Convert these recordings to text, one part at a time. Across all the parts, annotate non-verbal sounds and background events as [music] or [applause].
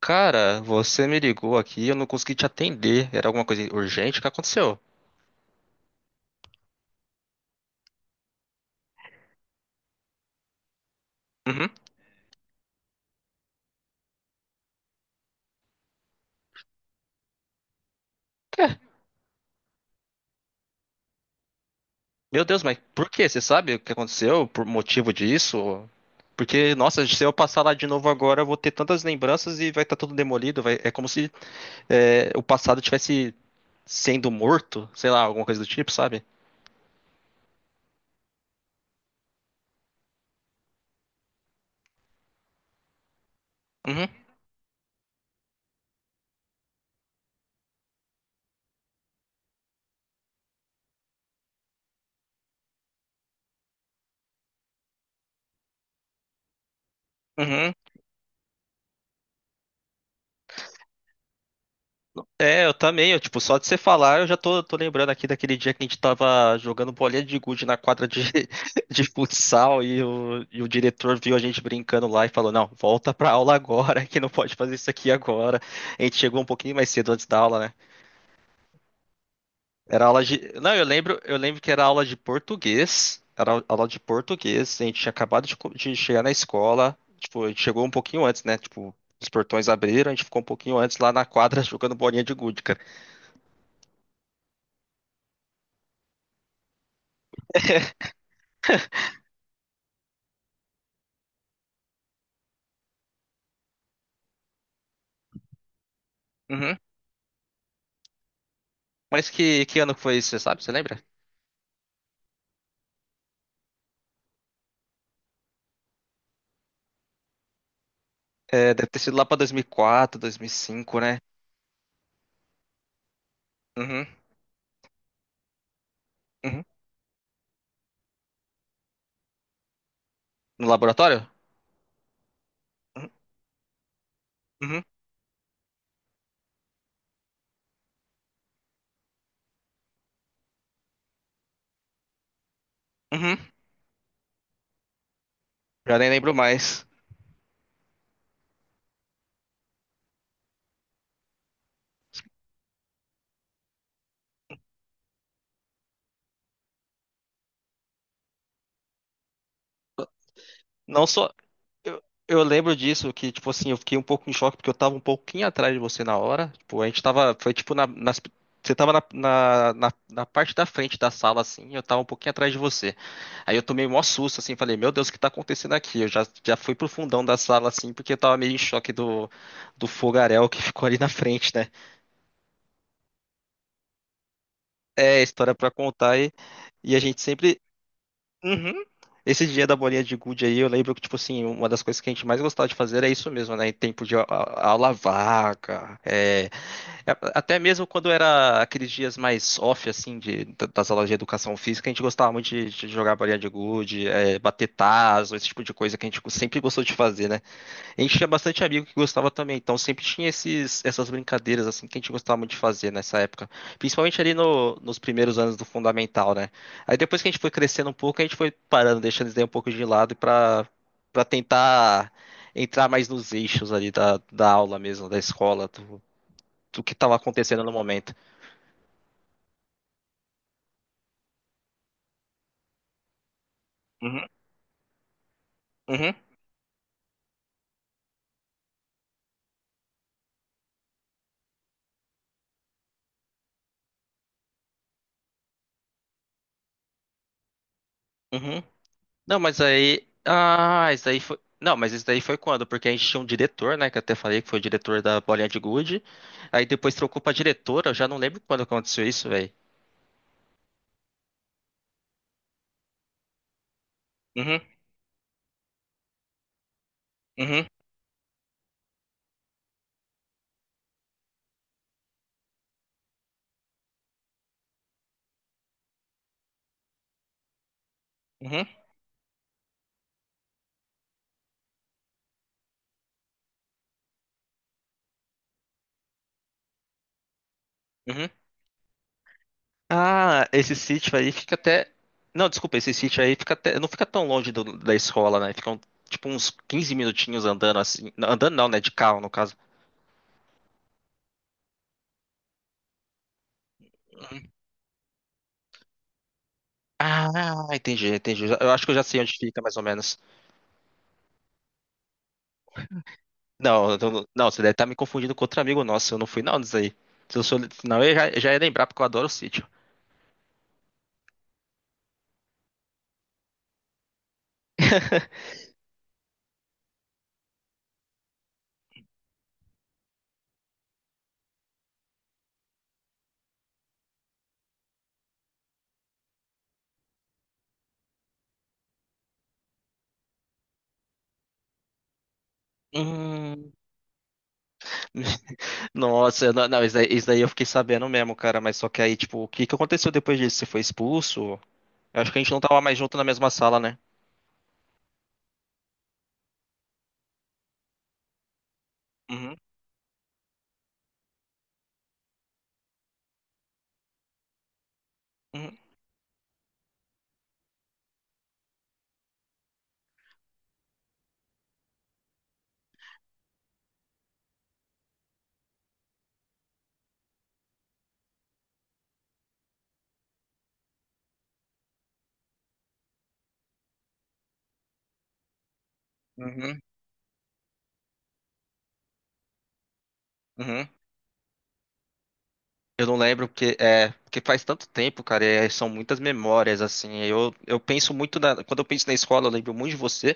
Cara, você me ligou aqui e eu não consegui te atender. Era alguma coisa urgente? O que aconteceu? Uhum. É. Meu Deus, mas por quê? Você sabe o que aconteceu? Por motivo disso? Porque, nossa, se eu passar lá de novo agora, eu vou ter tantas lembranças e vai estar tudo demolido. É como se o passado tivesse sendo morto, sei lá, alguma coisa do tipo, sabe? Uhum. Uhum. É, eu também, eu, tipo, só de você falar, eu já tô lembrando aqui daquele dia que a gente tava jogando bolinha de gude na quadra [laughs] de futsal e o diretor viu a gente brincando lá e falou, não, volta pra aula agora, [laughs] que não pode fazer isso aqui agora. A gente chegou um pouquinho mais cedo antes da aula, né? Era aula de... Não, eu lembro que era aula de português, era aula de português, a gente tinha acabado de, de chegar na escola, tipo, a gente chegou um pouquinho antes, né? Tipo, os portões abriram, a gente ficou um pouquinho antes lá na quadra [laughs] jogando bolinha de gude, cara. Mas que ano que foi isso, você sabe? Você lembra? É, deve ter sido lá pra 2004, 2005, né? Uhum, uhum. No laboratório? Uhum, uhum. uhum. Já nem lembro mais. Não sou, Eu, eu lembro disso, que, tipo assim, eu fiquei um pouco em choque, porque eu tava um pouquinho atrás de você na hora. Tipo, a gente tava. Foi tipo na. Você tava na parte da frente da sala, assim, e eu tava um pouquinho atrás de você. Aí eu tomei um maior susto, assim, falei, meu Deus, o que tá acontecendo aqui? Eu já fui pro fundão da sala, assim, porque eu tava meio em choque do fogaréu que [laughs] ficou ali na frente, né? É, história pra contar, e a gente sempre. Uhum. Esse dia da bolinha de gude aí, eu lembro que, tipo assim, uma das coisas que a gente mais gostava de fazer era isso mesmo, né? Em tempo de aula vaga, até mesmo quando era aqueles dias mais off, assim, das aulas de educação física, a gente gostava muito de jogar bolinha de gude, é, bater tazo, esse tipo de coisa que a gente sempre gostou de fazer, né? A gente tinha bastante amigo que gostava também, então sempre tinha essas brincadeiras assim que a gente gostava muito de fazer nessa época, principalmente ali nos primeiros anos do fundamental, né? Aí depois que a gente foi crescendo um pouco, a gente foi parando, deixando isso daí um pouco de lado para para tentar entrar mais nos eixos ali da aula mesmo, da escola, do, do que estava acontecendo no momento. Uhum, uhum, uhum. Não, mas aí. Ah, isso daí foi. Não, mas isso daí foi quando? Porque a gente tinha um diretor, né? Que eu até falei que foi o diretor da Bolinha de Gude. Aí depois trocou pra diretora. Eu já não lembro quando aconteceu isso, velho. Uhum, uhum, uhum, uhum. Ah, esse sítio aí fica até. Não, desculpa, esse sítio aí fica até. Não fica tão longe da escola, né? Ficam tipo uns 15 minutinhos andando assim. Andando não, né? De carro, no caso. Uhum. Ah, entendi, entendi. Eu acho que eu já sei onde fica, mais ou menos. Não, não, você deve estar me confundindo com outro amigo nosso. Eu não fui não disso aí. Se eu sou, senão eu já ia lembrar, porque eu adoro o sítio. [laughs] Hum, nossa, não, não, isso daí eu fiquei sabendo mesmo, cara. Mas só que aí, tipo, o que que aconteceu depois disso? Você foi expulso? Eu acho que a gente não tava mais junto na mesma sala, né? Uhum, uhum, uhum, uhum. Eu não lembro porque é porque faz tanto tempo, cara, e são muitas memórias assim. Eu penso muito na, quando eu penso na escola, eu lembro muito de você,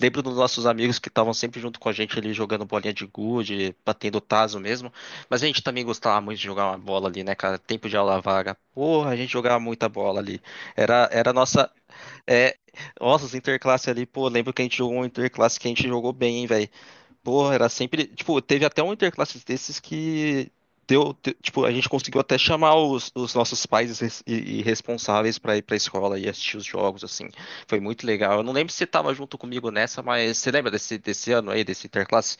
lembro dos nossos amigos que estavam sempre junto com a gente ali jogando bolinha de gude, batendo tazo mesmo. Mas a gente também gostava muito de jogar uma bola ali, né, cara? Tempo de aula vaga. Porra, a gente jogava muita bola ali. Era a nossa é, nossa, os interclasse ali, pô, lembro que a gente jogou um interclasse que a gente jogou bem, hein, velho. Pô, era sempre. Tipo, teve até um interclasses desses que deu. Tipo, a gente conseguiu até chamar os nossos pais e responsáveis pra ir pra escola e assistir os jogos, assim. Foi muito legal. Eu não lembro se você tava junto comigo nessa, mas você lembra desse ano aí, desse interclasse?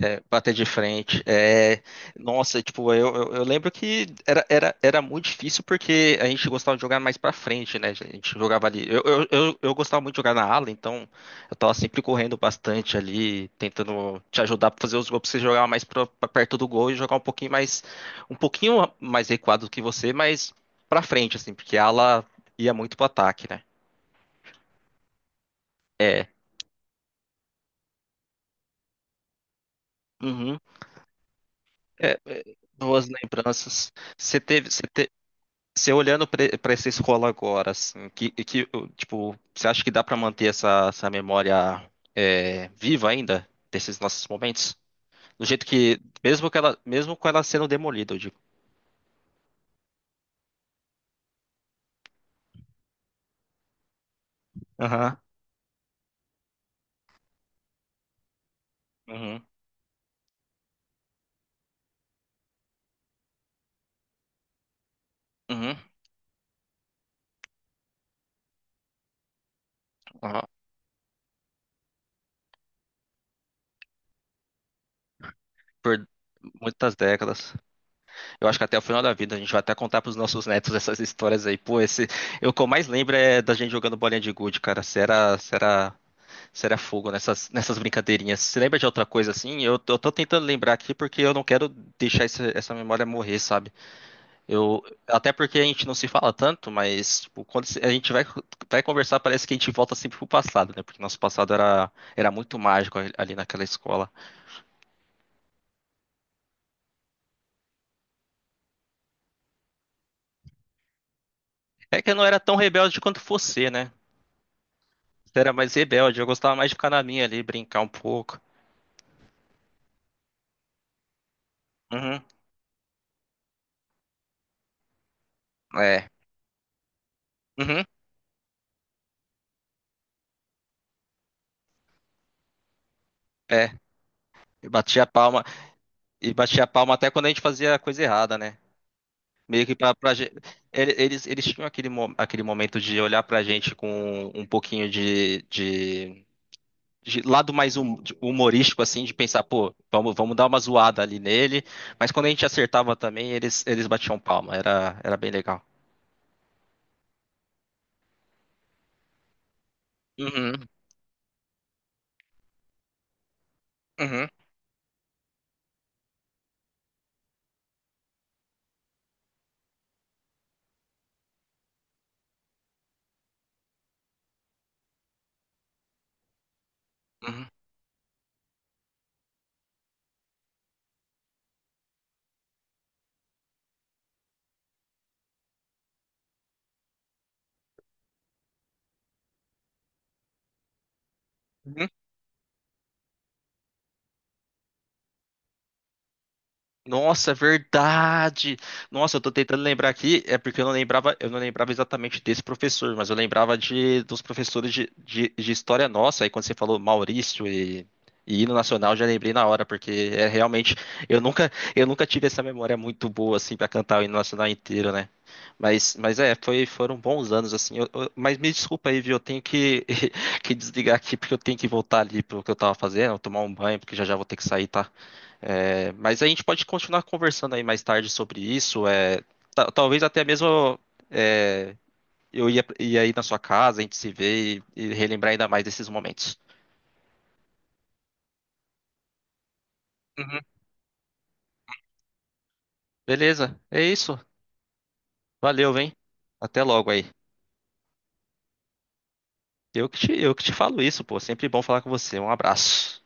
É, bater de frente. É, nossa, tipo, eu lembro que era muito difícil porque a gente gostava de jogar mais pra frente, né? A gente jogava ali. Eu gostava muito de jogar na ala, então eu tava sempre correndo bastante ali, tentando te ajudar pra fazer os gols, pra você jogar mais pra perto do gol e jogar um pouquinho mais recuado do que você, mas pra frente, assim, porque a ala ia muito pro ataque, né? É. Uhum. É, é, boas lembranças. Você teve, Você olhando para essa escola agora, assim, que tipo, você acha que dá para manter essa memória é, viva ainda desses nossos momentos? Do jeito que, mesmo que ela, mesmo com ela sendo demolida, eu digo. Aham. Uhum. Uhum. Aham. Por muitas décadas. Eu acho que até o final da vida a gente vai até contar pros nossos netos essas histórias aí. Pô, esse, eu, o que eu mais lembro é da gente jogando bolinha de gude, cara. Será, será Será fogo nessas brincadeirinhas. Você lembra de outra coisa assim? Eu, eu tô tentando lembrar aqui porque eu não quero deixar essa memória morrer, sabe? Eu, até porque a gente não se fala tanto, mas tipo, quando a gente vai, vai conversar, parece que a gente volta sempre pro passado, né? Porque nosso passado era muito mágico ali naquela escola. É que eu não era tão rebelde quanto você, né? Você era mais rebelde, eu gostava mais de ficar na minha ali, brincar um pouco. Uhum, é. Uhum, é. E batia a palma, e batia a palma até quando a gente fazia coisa errada, né? Meio que pra, pra gente. Eles tinham aquele, aquele momento de olhar pra gente com um pouquinho de lado mais humorístico, assim, de pensar, pô, vamos, vamos dar uma zoada ali nele. Mas quando a gente acertava também, eles batiam palma. Era, era bem legal. Uhum, uhum, uhum. Nossa, é verdade. Nossa, eu tô tentando lembrar aqui, é porque eu não lembrava exatamente desse professor, mas eu lembrava de dos professores de história nossa. Aí quando você falou Maurício e hino nacional, eu já lembrei na hora, porque é realmente eu nunca tive essa memória muito boa assim pra cantar o hino nacional inteiro, né? Mas é, foi foram bons anos assim. Mas me desculpa aí, viu? Eu tenho que [laughs] que desligar aqui porque eu tenho que voltar ali pro que eu tava fazendo, tomar um banho, porque já vou ter que sair, tá? É, mas a gente pode continuar conversando aí mais tarde sobre isso. É, talvez até mesmo é, ia aí na sua casa, a gente se vê e relembrar ainda mais desses momentos. Uhum. Beleza, é isso. Valeu, hein? Até logo aí. Eu que te falo isso, pô. Sempre bom falar com você. Um abraço.